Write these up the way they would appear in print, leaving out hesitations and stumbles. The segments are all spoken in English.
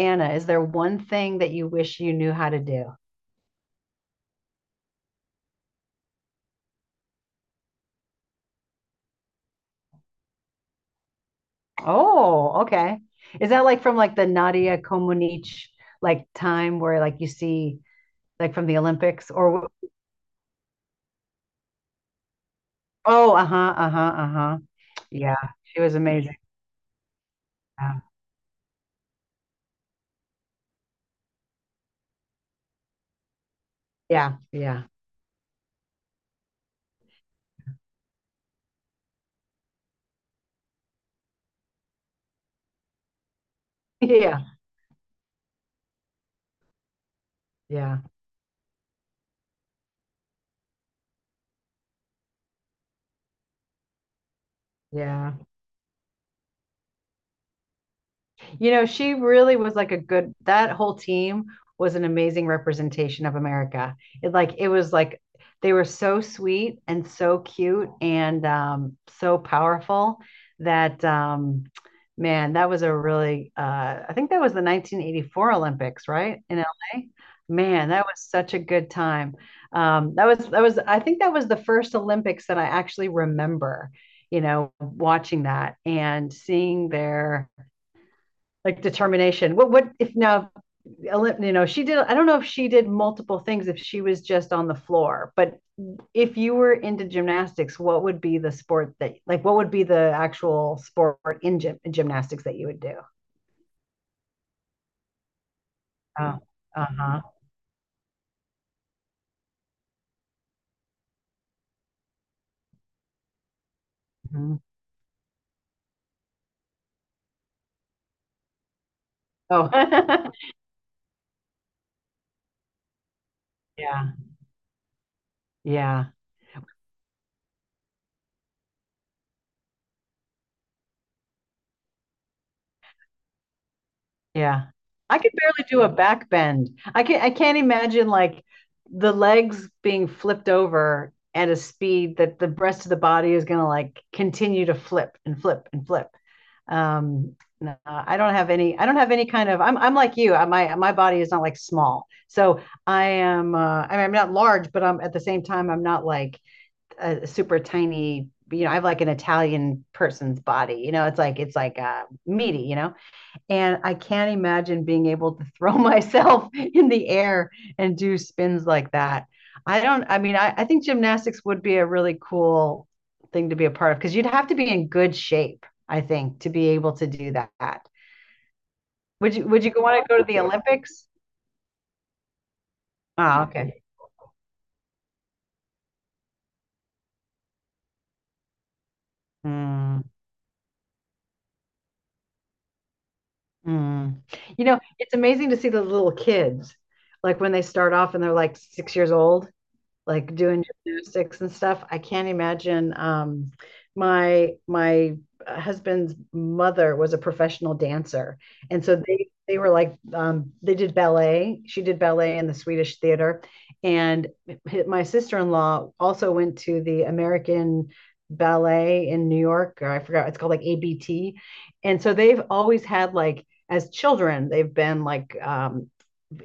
Anna, is there one thing that you wish you knew how to do? Oh, okay. Is that like from like the Nadia Comaneci like time where like you see like from the Olympics or oh, uh-huh, uh-huh, uh-huh. Yeah, she was amazing. Yeah, yeah, yeah, yeah, yeah, yeah. You know, she really was like a good, that whole team was an amazing representation of America. It like it was like they were so sweet and so cute and so powerful that, man, that was a really I think that was the 1984 Olympics, right? In LA. Man, that was such a good time. That was I think that was the first Olympics that I actually remember, you know, watching that and seeing their like determination. What, if now, you know, she did, I don't know if she did multiple things, if she was just on the floor. But if you were into gymnastics, what would be the sport that like what would be the actual sport in, gym, in gymnastics that you would do? Oh, uh-huh. Mhm. Oh. yeah. Yeah. Yeah. I could barely do a back bend. I can't imagine like the legs being flipped over at a speed that the rest of the body is gonna like continue to flip and flip and flip. Um, no, I don't have any kind of, I'm like you. I, my body is not like small. So I am I mean, I'm not large, but I'm at the same time I'm not like a super tiny, you know. I have like an Italian person's body. You know, it's like it's like meaty, you know. And I can't imagine being able to throw myself in the air and do spins like that. I don't, I mean, I think gymnastics would be a really cool thing to be a part of because you'd have to be in good shape, I think, to be able to do that. Would you want to go to the Olympics? Oh, okay. Mm, mm. You know, it's amazing to see the little kids, like when they start off and they're like six years old like doing gymnastics and stuff. I can't imagine. My husband's mother was a professional dancer, and so they were like they did ballet. She did ballet in the Swedish theater, and my sister in law also went to the American ballet in New York, or I forgot it's called like ABT. And so they've always had like as children they've been like,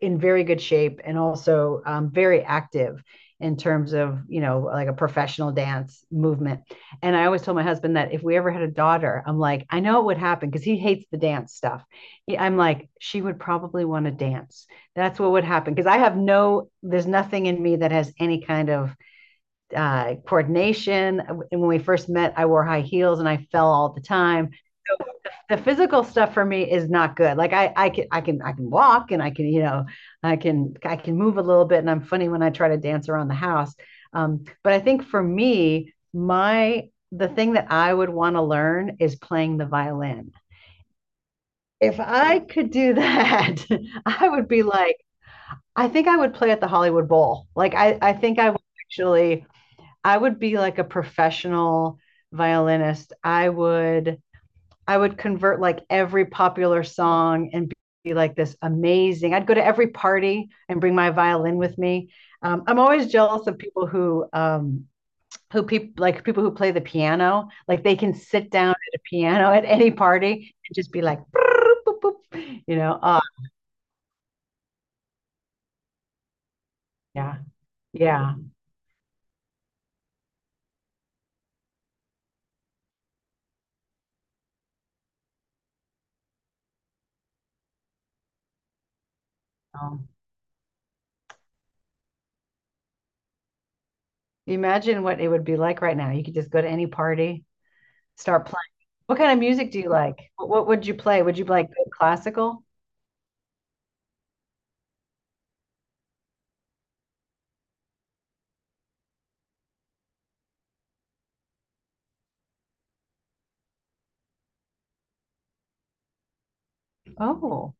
in very good shape and also very active in terms of, you know, like a professional dance movement. And I always told my husband that if we ever had a daughter, I'm like, I know it would happen because he hates the dance stuff. I'm like, she would probably want to dance. That's what would happen, because I have no, there's nothing in me that has any kind of coordination. And when we first met, I wore high heels and I fell all the time. The physical stuff for me is not good. Like I, I can walk and I can, you know, I can move a little bit, and I'm funny when I try to dance around the house. But I think for me, my, the thing that I would want to learn is playing the violin. If I could do that, I would be like, I think I would play at the Hollywood Bowl. Like I think I would actually, I would be like a professional violinist. I would convert like every popular song and be like this amazing. I'd go to every party and bring my violin with me. I'm always jealous of people who people who play the piano. Like they can sit down at a piano at any party and just be like, you know, yeah, yeah. Um, imagine what it would be like right now. You could just go to any party, start playing. What kind of music do you like? What would you play? Would you like classical? Oh.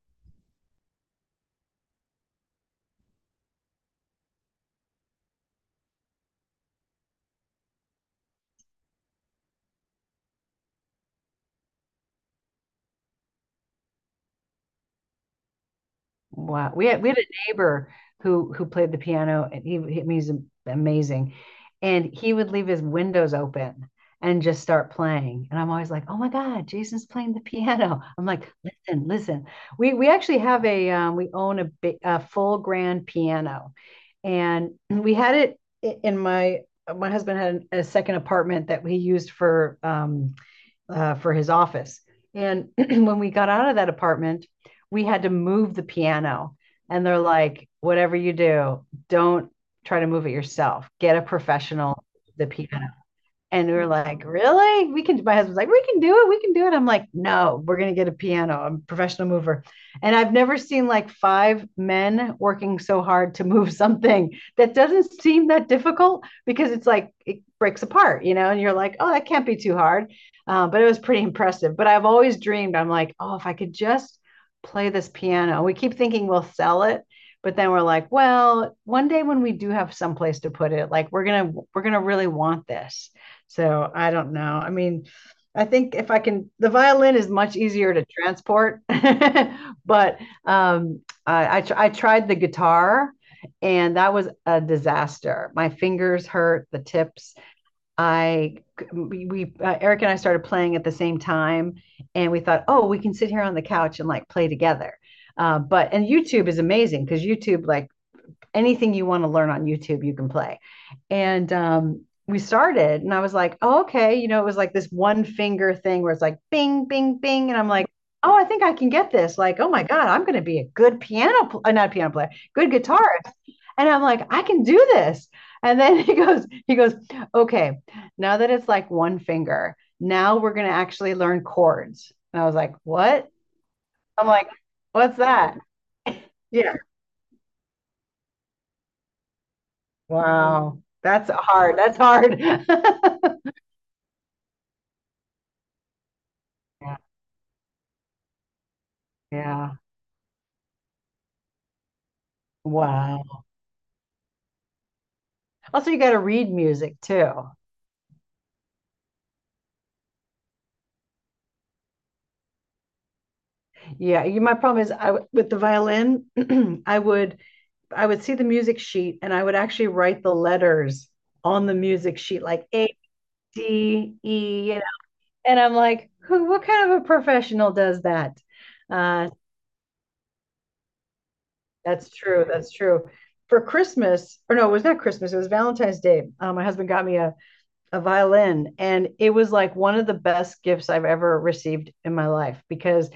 Wow. We had a neighbor who played the piano, and he's amazing. And he would leave his windows open and just start playing. And I'm always like, "Oh my God, Jason's playing the piano." I'm like, "Listen, listen." We actually have a we own a, bi- a full grand piano. And we had it I- in my my husband had an- a second apartment that we used for his office. And when we got out of that apartment, we had to move the piano. And they're like, whatever you do, don't try to move it yourself. Get a professional, the piano. And we were like, really? We can, my husband's like, we can do it. We can do it. I'm like, no, we're going to get a piano. I'm a professional mover. And I've never seen like five men working so hard to move something that doesn't seem that difficult, because it's like, it breaks apart, you know, and you're like, oh, that can't be too hard. But it was pretty impressive. But I've always dreamed, I'm like, oh, if I could just play this piano. We keep thinking we'll sell it, but then we're like, well, one day when we do have someplace to put it, like, we're gonna really want this. So I don't know. I mean, I think if I can, the violin is much easier to transport, but I, tr- I tried the guitar, and that was a disaster. My fingers hurt, the tips. I we Eric and I started playing at the same time, and we thought, oh, we can sit here on the couch and like play together. But and YouTube is amazing, because YouTube like anything you want to learn on YouTube, you can play. And we started, and I was like, oh, okay. You know, it was like this one finger thing where it's like bing, bing, bing. And I'm like, oh, I think I can get this. Like, oh my God, I'm going to be a good piano, pl- not a piano player, good guitarist. And I'm like, I can do this. And then he goes, okay, now that it's like one finger, now we're going to actually learn chords. And I was like, what? I'm like, what's that? Yeah. Wow. That's hard. That's hard. Yeah, yeah. Wow. Also, you got to read music too. Yeah, you, my problem is I w- with the violin, I would I would see the music sheet and I would actually write the letters on the music sheet like A, D, E, you know. And I'm like, who, what kind of a professional does that? Uh, that's true. That's true. For Christmas, or no, it was not Christmas, it was Valentine's Day. My husband got me a violin, and it was like one of the best gifts I've ever received in my life, because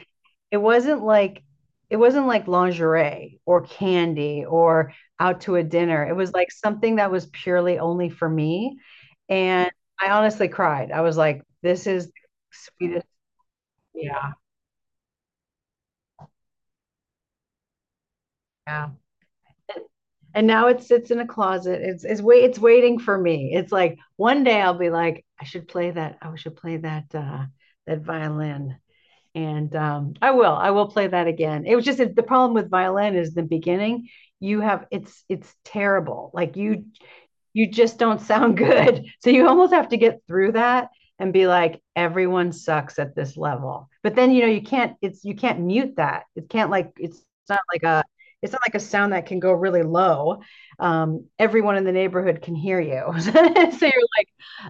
it wasn't like it wasn't like lingerie or candy or out to a dinner. It was like something that was purely only for me. And I honestly cried. I was like, this is the sweetest. Yeah. Yeah. And now it sits in a closet. It's waiting for me. It's like one day I'll be like, I should play that. That violin. And I will play that again. It was just the problem with violin is the beginning. You have it's terrible. Like you just don't sound good. So you almost have to get through that, and be like, everyone sucks at this level. But then, you know, you can't, it's you can't mute that. It can't like not like a it's not like a sound that can go really low. Everyone in the neighborhood can hear you. so you're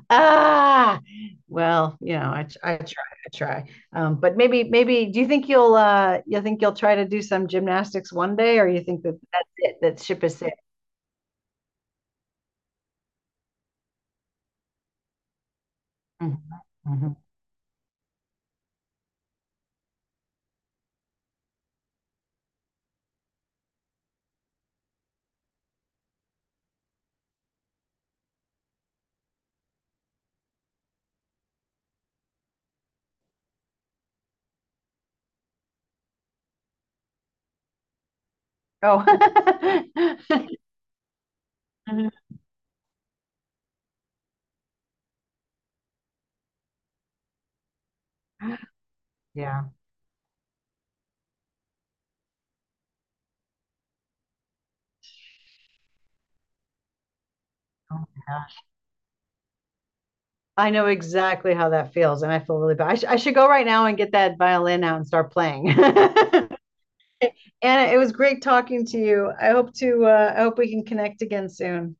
Ah, well, you know, I try, I try. But maybe, maybe, do you think you'll try to do some gymnastics one day, or you think that that's it, that ship is sailed? Mhm, mhm. Oh, yeah. Oh my gosh. I know exactly how that feels, and I feel really bad. I, sh- I should go right now and get that violin out and start playing. Anna, it was great talking to you. I hope to, I hope we can connect again soon.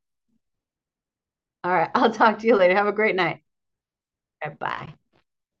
All right, I'll talk to you later. Have a great night. Bye.